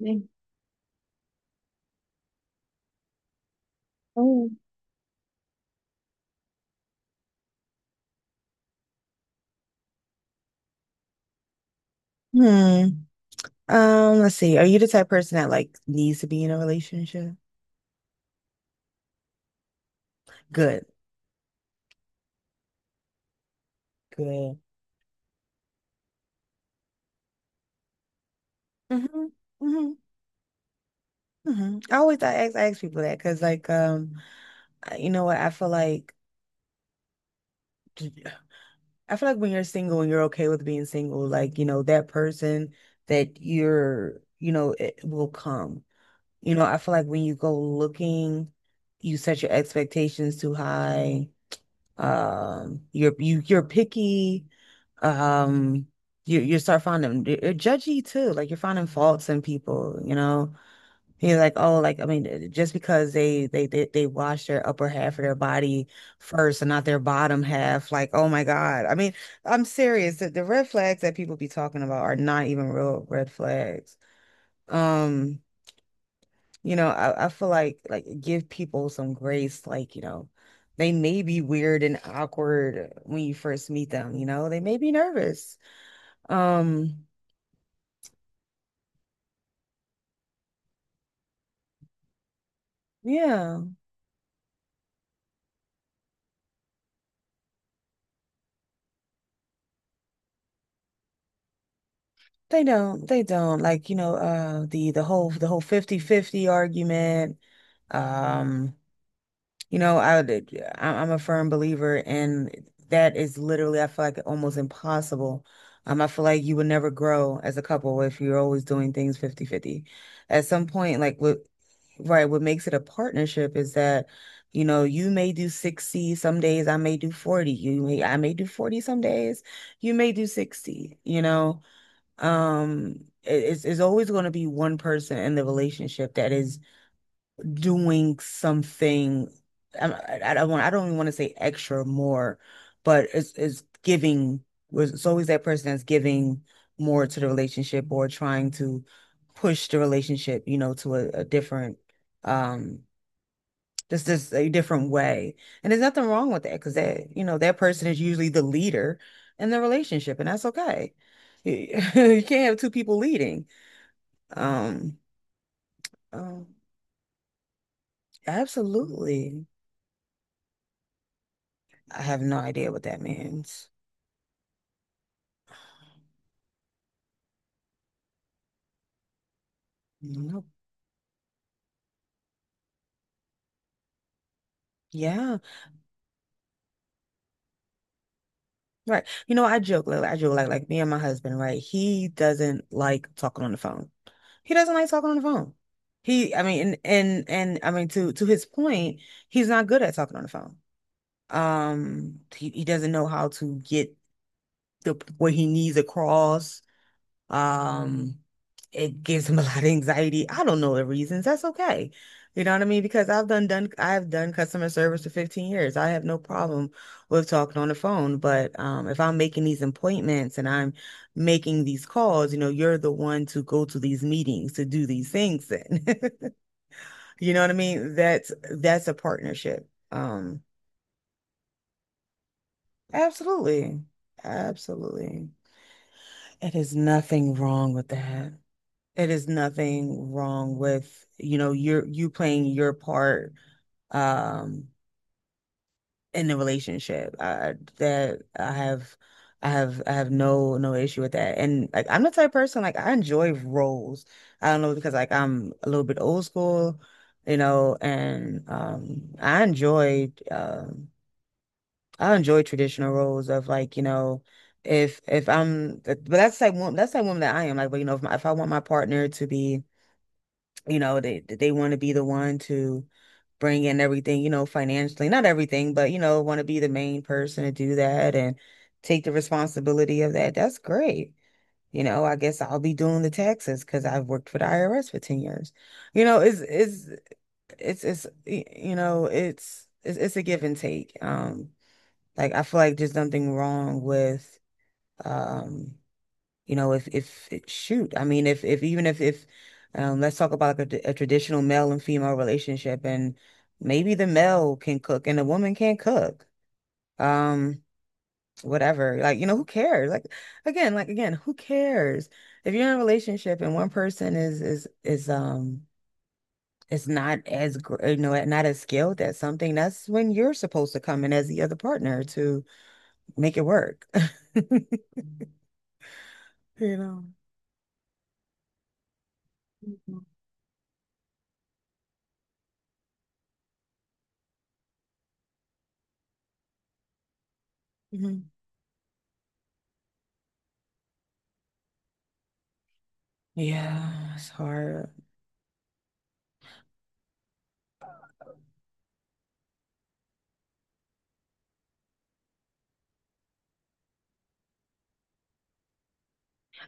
Like, oh. Hmm. Let's see. Are you the type of person that like needs to be in a relationship? Good. Good. Mm-hmm. Mm-hmm. Mm-hmm. I always I ask people that because like I- you know what I feel like when you're single and you're okay with being single like you know that person that you're you know it will come, you know. I feel like when you go looking you set your expectations too high. You're picky. Um, you start finding you're judgy too. Like you're finding faults in people, you know. You're like, oh, like I mean, just because they wash their upper half of their body first and not their bottom half, like, oh my God. I mean, I'm serious. The red flags that people be talking about are not even real red flags. Um, you know, I feel like give people some grace, like, you know, they may be weird and awkward when you first meet them, you know, they may be nervous. Um, yeah, they don't like, you know, the whole the whole 50 50 argument. Um You know, I'm a firm believer, and that is literally, I feel like almost impossible. I feel like you would never grow as a couple if you're always doing things 50-50. At some point, like what, right, what makes it a partnership is that, you know, you may do 60 some days, I may do 40. I may do 40 some days, you may do 60, you know. It's always going to be one person in the relationship that is doing something. I don't even want to say extra or more, but it's giving, it's always that person that's giving more to the relationship or trying to push the relationship, you know, to a different um just this a different way. And there's nothing wrong with that because that, you know, that person is usually the leader in the relationship and that's okay. You can't have two people leading. Um, um absolutely. I have no idea what that means. Nope. Yeah, right. You know, I joke, like me and my husband, right? He doesn't like talking on the phone. He doesn't like talking on the phone. He, I mean, and I mean to his point, he's not good at talking on the phone. He doesn't know how to get the what he needs across. Um, it gives them a lot of anxiety. I don't know the reasons. That's okay. You know what I mean? Because I've done customer service for 15 years. I have no problem with talking on the phone. But if I'm making these appointments and I'm making these calls, you know, you're the one to go to these meetings to do these things then. You know what I mean? That's a partnership. Absolutely. Absolutely. It is nothing wrong with that. It is nothing wrong with, you know, you're you playing your part um in the relationship. I, that I have I have I have no no issue with that, and like I'm the type of person, like I enjoy roles. I don't know because like I'm a little bit old school, you know, and I enjoy traditional roles of like, you know, if I'm but that's like one, that's like woman that I am, like, but you know, if I want my partner to be, you know, they want to be the one to bring in everything, you know, financially, not everything, but you know, want to be the main person to do that and take the responsibility of that, that's great. You know, I guess I'll be doing the taxes because I've worked for the IRS for 10 years. You know, you know, it's a give and take. Like I feel like there's nothing wrong with um you know, if shoot, I mean, if even if let's talk about like a traditional male and female relationship, and maybe the male can cook and the woman can't cook. Um, whatever. Like, you know, who cares? Like again, who cares? If you're in a relationship and one person is is not as you know not as skilled at something, that's when you're supposed to come in as the other partner to make it work. You know. Mhm. Yeah, it's hard.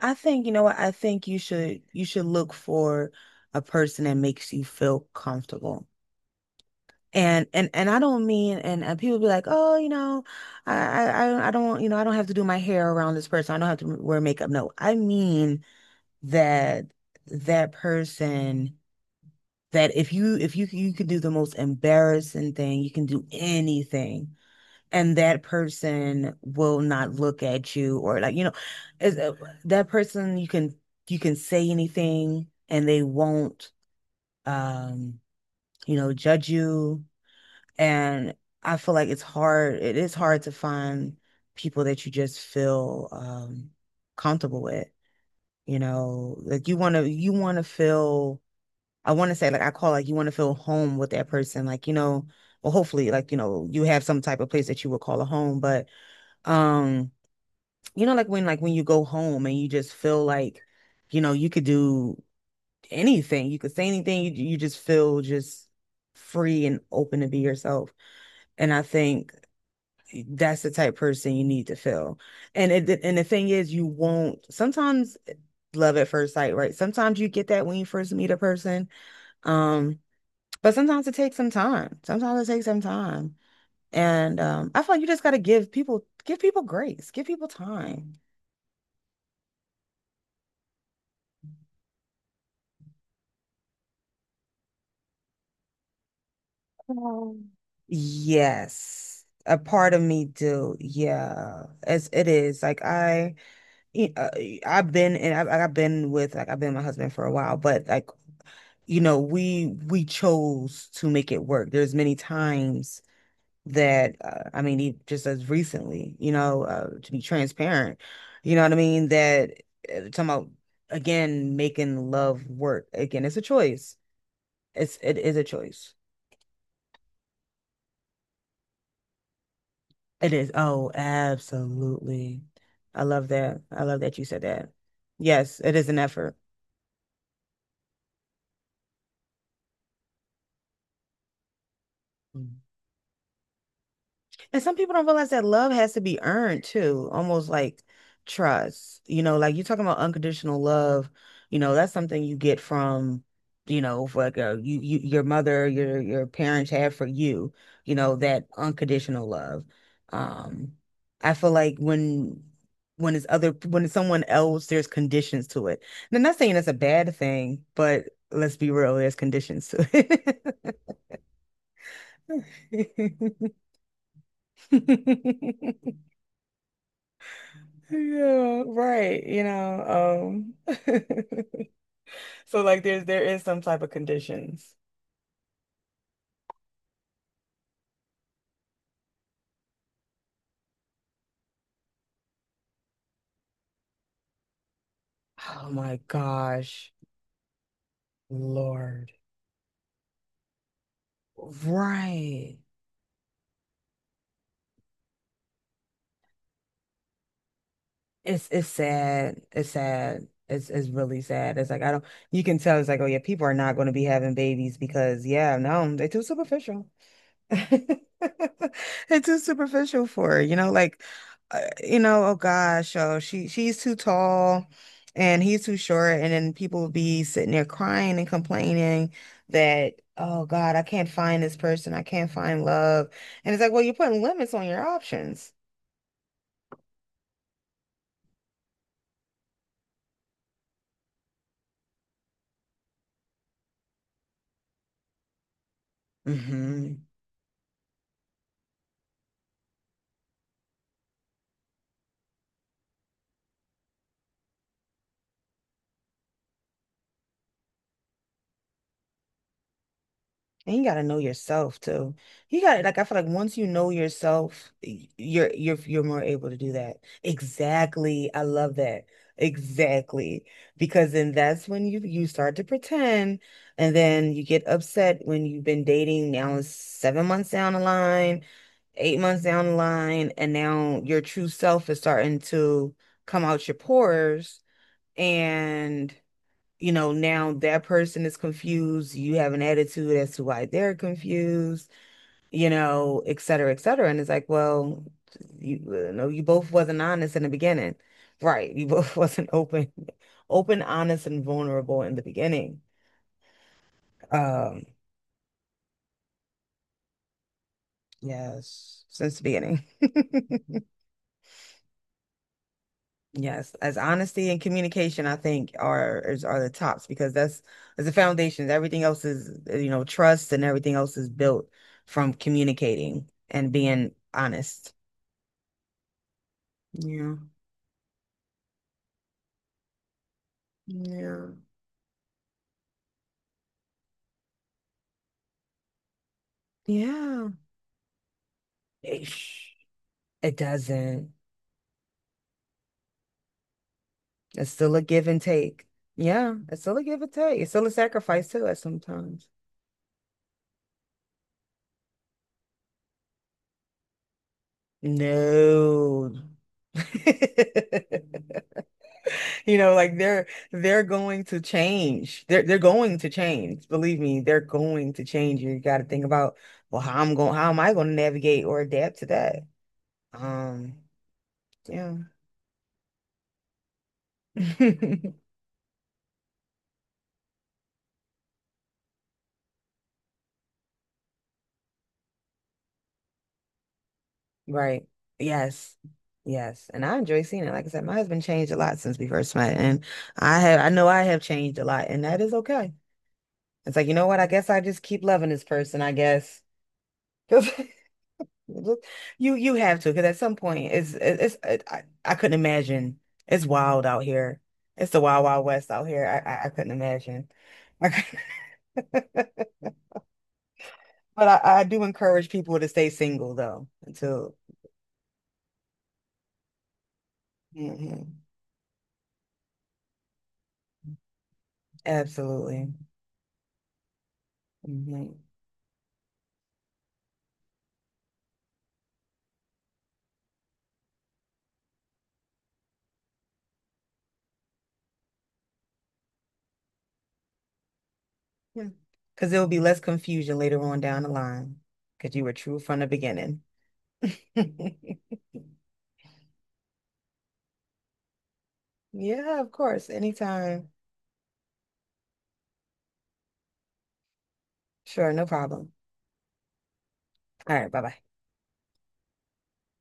I think, you know what? I think you should look for a person that makes you feel comfortable. And I don't mean, and people be like, oh, you know, I don't, you know, I don't have to do my hair around this person. I don't have to wear makeup. No, I mean that that person that if you you could do the most embarrassing thing, you can do anything and that person will not look at you or like, you know, is that person you can say anything and they won't um you know judge you, and I feel like it's hard, it is hard to find people that you just feel comfortable with, you know, like you want to feel, I want to say like I call, like you want to feel home with that person, like you know, well hopefully like you know you have some type of place that you would call a home, but um you know, like when you go home and you just feel like, you know, you could do anything, you could say anything, you just feel just free and open to be yourself. And I think that's the type of person you need to feel. And it and the thing is, you won't sometimes. Love at first sight, right? Sometimes you get that when you first meet a person. Um, but sometimes it takes some time. Sometimes it takes some time. And I feel like you just gotta give people grace, give people time. Oh. Yes, a part of me do. Yeah, as it is. Y- uh, I've been, and I've been with, like I've been with my husband for a while, but like, you know, we chose to make it work. There's many times that I mean, just as recently, you know, to be transparent, you know what I mean. That talking about again making love work again. It's a choice. It's it is a choice. It is. Oh, absolutely. I love that. I love that you said that. Yes, it is an effort. And some people don't realize that love has to be earned too, almost like trust. You know, like you're talking about unconditional love, you know, that's something you get from, you know, for like a, you your mother, your parents have for you, you know, that unconditional love. Um, I feel like when it's other when it's someone else, there's conditions to it. And I'm not saying that's a bad thing, but let's be real, there's conditions to it. Yeah, right. You know, so like there is some type of conditions. Oh my gosh, Lord. Right. It's sad. It's sad. It's really sad. It's like I don't, you can tell, it's like, oh yeah, people are not gonna be having babies because yeah, no, they're too superficial. It's too superficial for her, you know, like, you know, oh gosh, oh she she's too tall, and he's too short, and then people will be sitting there crying and complaining that oh God, I can't find this person, I can't find love, and it's like, well, you're putting limits on your options. And you gotta know yourself too. You gotta like, I feel like once you know yourself, you're more able to do that. Exactly. I love that. Exactly. Because then that's when you start to pretend, and then you get upset when you've been dating now it's 7 months down the line, 8 months down the line, and now your true self is starting to come out your pores, and you know, now that person is confused. You have an attitude as to why they're confused, you know, et cetera, et cetera. And it's like, well, you know, you both wasn't honest in the beginning. Right. You both wasn't open, open, honest, and vulnerable in the beginning. Um, yes, since the beginning. Yes, as honesty and communication, I think are the tops because that's as the foundations. Everything else is, you know, trust and everything else is built from communicating and being honest. Yeah. Yeah. Yeah, Ish. It doesn't. It's still a give and take. Yeah, it's still a give and take. It's still a sacrifice too at sometimes. No. You know, like they're going to change. They're going to change. Believe me, they're going to change. You got to think about, well, how am I going to navigate or adapt to that? Um, yeah. Right. Yes. Yes. And I enjoy seeing it. Like I said, my husband changed a lot since we first met. And I know I have changed a lot, and that is okay. It's like, you know what? I guess I just keep loving this person, I guess. Look, you have to because at some point I couldn't imagine, it's wild out here. It's the wild wild west out here. I couldn't imagine. I could But I do encourage people to stay single though until, hmm. Absolutely. Hmm. Yeah. Because there will be less confusion later on down the line because you were true from the beginning. Yeah, of course. Anytime. Sure, no problem. All right, bye bye.